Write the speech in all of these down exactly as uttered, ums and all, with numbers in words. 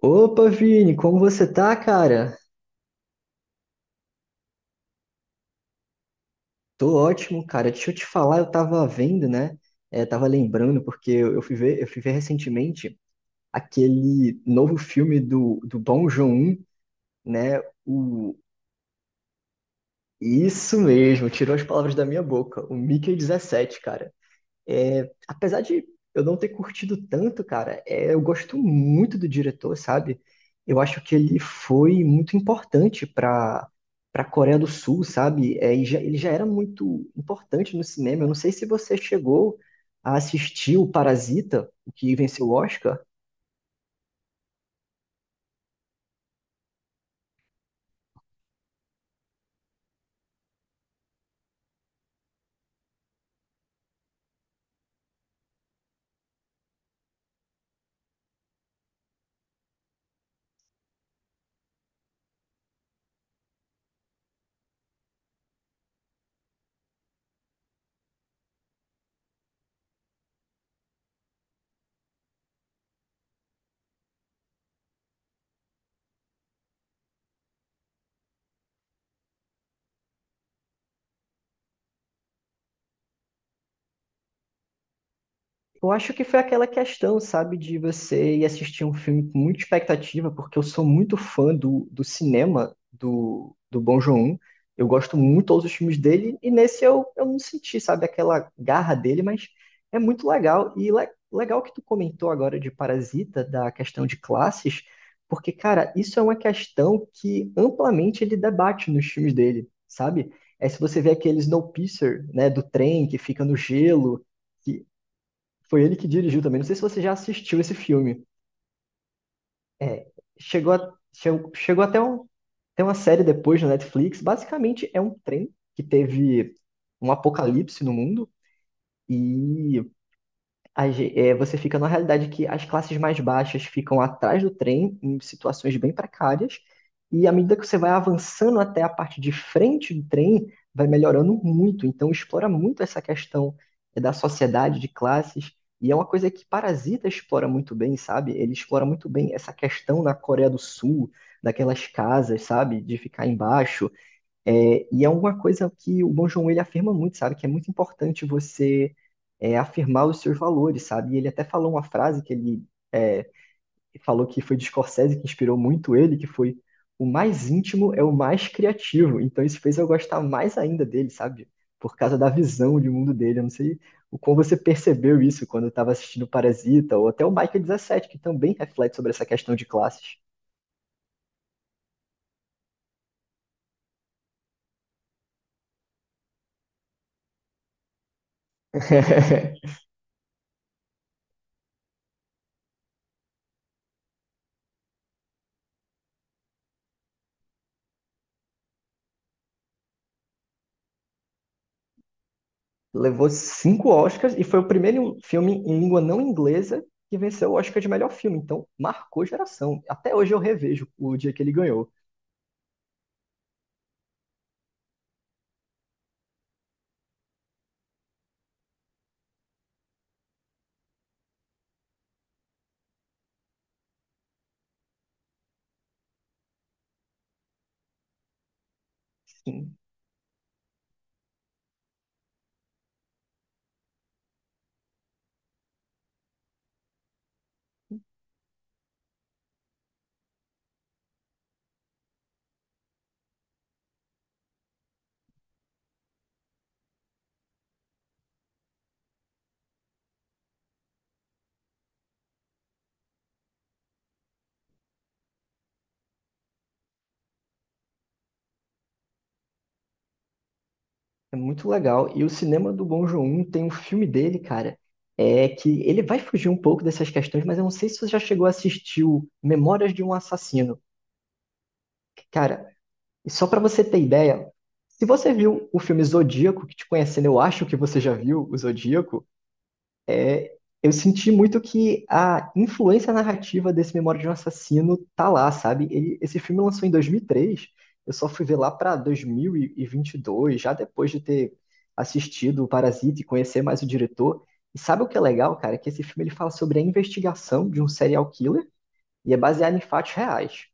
Opa, Vini, como você tá, cara? Tô ótimo, cara. Deixa eu te falar, eu tava vendo, né? É, tava lembrando, porque eu eu fui ver, eu fui ver recentemente aquele novo filme do, do Bong Joon, né? O... Isso mesmo, tirou as palavras da minha boca. O Mickey dezessete, cara. É, apesar de eu não ter curtido tanto, cara, é, eu gosto muito do diretor, sabe? Eu acho que ele foi muito importante para para a Coreia do Sul, sabe? É, e já- ele já era muito importante no cinema. Eu não sei se você chegou a assistir o Parasita, o que venceu o Oscar. Eu acho que foi aquela questão, sabe, de você ir assistir um filme com muita expectativa, porque eu sou muito fã do, do cinema do, do Bong Joon-ho. Eu gosto muito de todos os filmes dele, e nesse eu, eu não senti, sabe, aquela garra dele, mas é muito legal. E le- legal que tu comentou agora de Parasita, da questão de classes, porque, cara, isso é uma questão que amplamente ele debate nos filmes dele, sabe? É se você vê aquele Snowpiercer, né, do trem que fica no gelo, que foi ele que dirigiu também. Não sei se você já assistiu esse filme. É, chegou, a- che- chegou até um, tem uma série depois na Netflix. Basicamente é um trem que teve um apocalipse no mundo e a ge- é, você fica numa realidade que as classes mais baixas ficam atrás do trem, em situações bem precárias, e à medida que você vai avançando até a parte de frente do trem, vai melhorando muito. Então, explora muito essa questão é, da sociedade de classes, e é uma coisa que Parasita explora muito bem, sabe? Ele explora muito bem essa questão na Coreia do Sul, daquelas casas, sabe? De ficar embaixo, é, e é uma coisa que o Bong Joon-ho ele afirma muito, sabe? Que é muito importante você é, afirmar os seus valores, sabe? E ele até falou uma frase que ele é, falou que foi de Scorsese que inspirou muito ele, que foi o mais íntimo é o mais criativo. Então isso fez eu gostar mais ainda dele, sabe? Por causa da visão de mundo dele. Eu não sei o quão você percebeu isso quando eu estava assistindo Parasita, ou até o Michael dezessete, que também reflete sobre essa questão de classes. Levou cinco Oscars e foi o primeiro filme em língua não inglesa que venceu o Oscar de melhor filme. Então, marcou geração. Até hoje eu revejo o dia que ele ganhou. Sim, é muito legal. E o cinema do Bong Joon-ho tem um filme dele, cara, é que ele vai fugir um pouco dessas questões, mas eu não sei se você já chegou a assistir o Memórias de um Assassino. Cara, e só pra você ter ideia, se você viu o filme Zodíaco, que te conhecendo, eu acho que você já viu o Zodíaco. É, eu senti muito que a influência narrativa desse Memória de um Assassino tá lá, sabe? Ele- esse filme lançou em dois mil e três. Eu só fui ver lá pra dois mil e vinte e dois, já depois de ter assistido o Parasita e conhecer mais o diretor. E sabe o que é legal, cara? Que esse filme ele fala sobre a investigação de um serial killer e é baseado em fatos reais.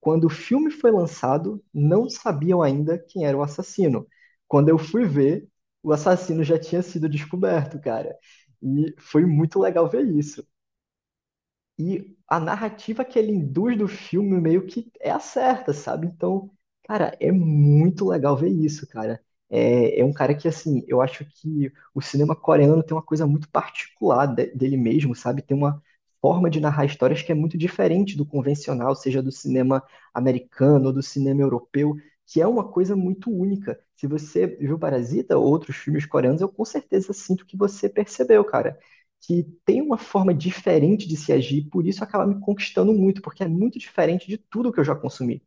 Quando o filme foi lançado, não sabiam ainda quem era o assassino. Quando eu fui ver, o assassino já tinha sido descoberto, cara. E foi muito legal ver isso. E a narrativa que ele induz do filme meio que é a certa, sabe? Então, cara, é muito legal ver isso, cara. É, é um cara que, assim, eu acho que o cinema coreano tem uma coisa muito particular de- dele mesmo, sabe? Tem uma forma de narrar histórias que é muito diferente do convencional, seja do cinema americano ou do cinema europeu, que é uma coisa muito única. Se você viu Parasita ou outros filmes coreanos, eu com certeza sinto que você percebeu, cara, que tem uma forma diferente de se agir, por isso acaba me conquistando muito, porque é muito diferente de tudo que eu já consumi.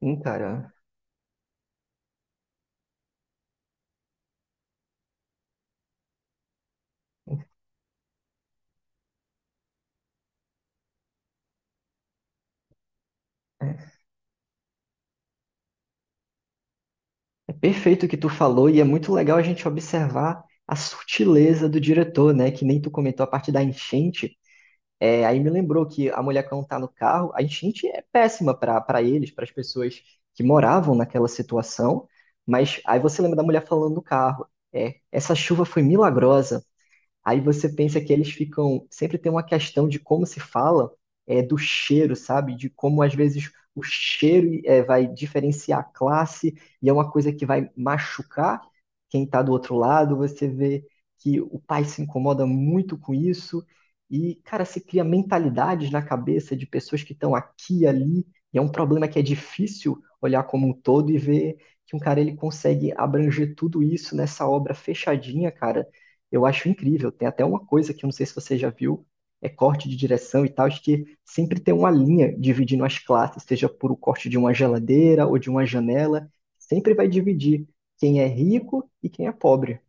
Hum, cara, é, é perfeito o que tu falou e é muito legal a gente observar a sutileza do diretor, né? Que nem tu comentou a parte da enchente. É, aí me lembrou que a mulher quando tá no carro, a enchente é péssima para para eles, para as pessoas que moravam naquela situação. Mas aí você lembra da mulher falando no carro, é, essa chuva foi milagrosa. Aí você pensa que eles ficam. Sempre tem uma questão de como se fala, é, do cheiro, sabe? De como às vezes o cheiro é, vai diferenciar a classe e é uma coisa que vai machucar quem está do outro lado. Você vê que o pai se incomoda muito com isso. E, cara, se cria mentalidades na cabeça de pessoas que estão aqui e ali. E é um problema que é difícil olhar como um todo e ver que um cara ele consegue abranger tudo isso nessa obra fechadinha, cara. Eu acho incrível. Tem até uma coisa que eu não sei se você já viu, é corte de direção e tal, acho que sempre tem uma linha dividindo as classes, seja por o corte de uma geladeira ou de uma janela, sempre vai dividir quem é rico e quem é pobre.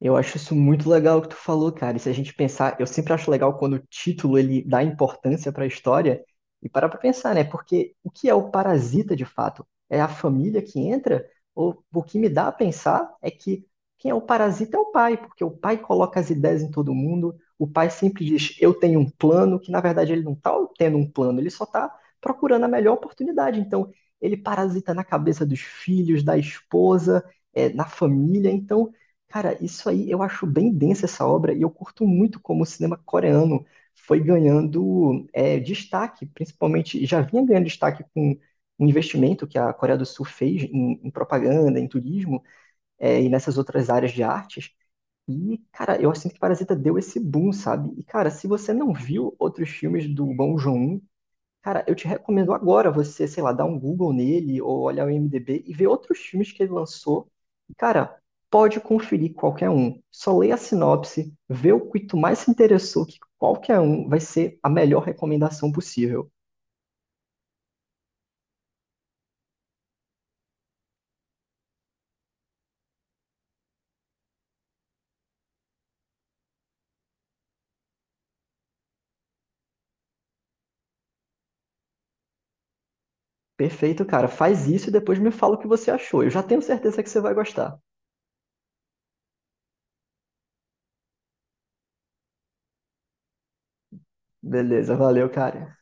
Eu acho isso muito legal o que tu falou, cara. E se a gente pensar, eu sempre acho legal quando o título ele dá importância para a história e parar para pensar, né? Porque o que é o parasita de fato? É a família que entra? Ou o que me dá a pensar é que quem é o parasita é o pai, porque o pai coloca as ideias em todo mundo, o pai sempre diz, eu tenho um plano, que na verdade ele não tá tendo um plano, ele só tá procurando a melhor oportunidade. Então, ele parasita na cabeça dos filhos, da esposa, eh, na família, então Cara, isso aí eu acho bem densa essa obra e eu curto muito como o cinema coreano foi ganhando é, destaque, principalmente já vinha ganhando destaque com um investimento que a Coreia do Sul fez em, em propaganda, em turismo é, e nessas outras áreas de artes. E, cara, eu sinto que Parasita deu esse boom, sabe? E, cara, se você não viu outros filmes do Bong Joon-ho, cara, eu te recomendo agora você, sei lá, dar um Google nele ou olhar o I M D B e ver outros filmes que ele lançou. E, cara, pode conferir qualquer um. Só leia a sinopse, vê o que tu mais se interessou, que qualquer um vai ser a melhor recomendação possível. Perfeito, cara. Faz isso e depois me fala o que você achou. Eu já tenho certeza que você vai gostar. Beleza, valeu, cara.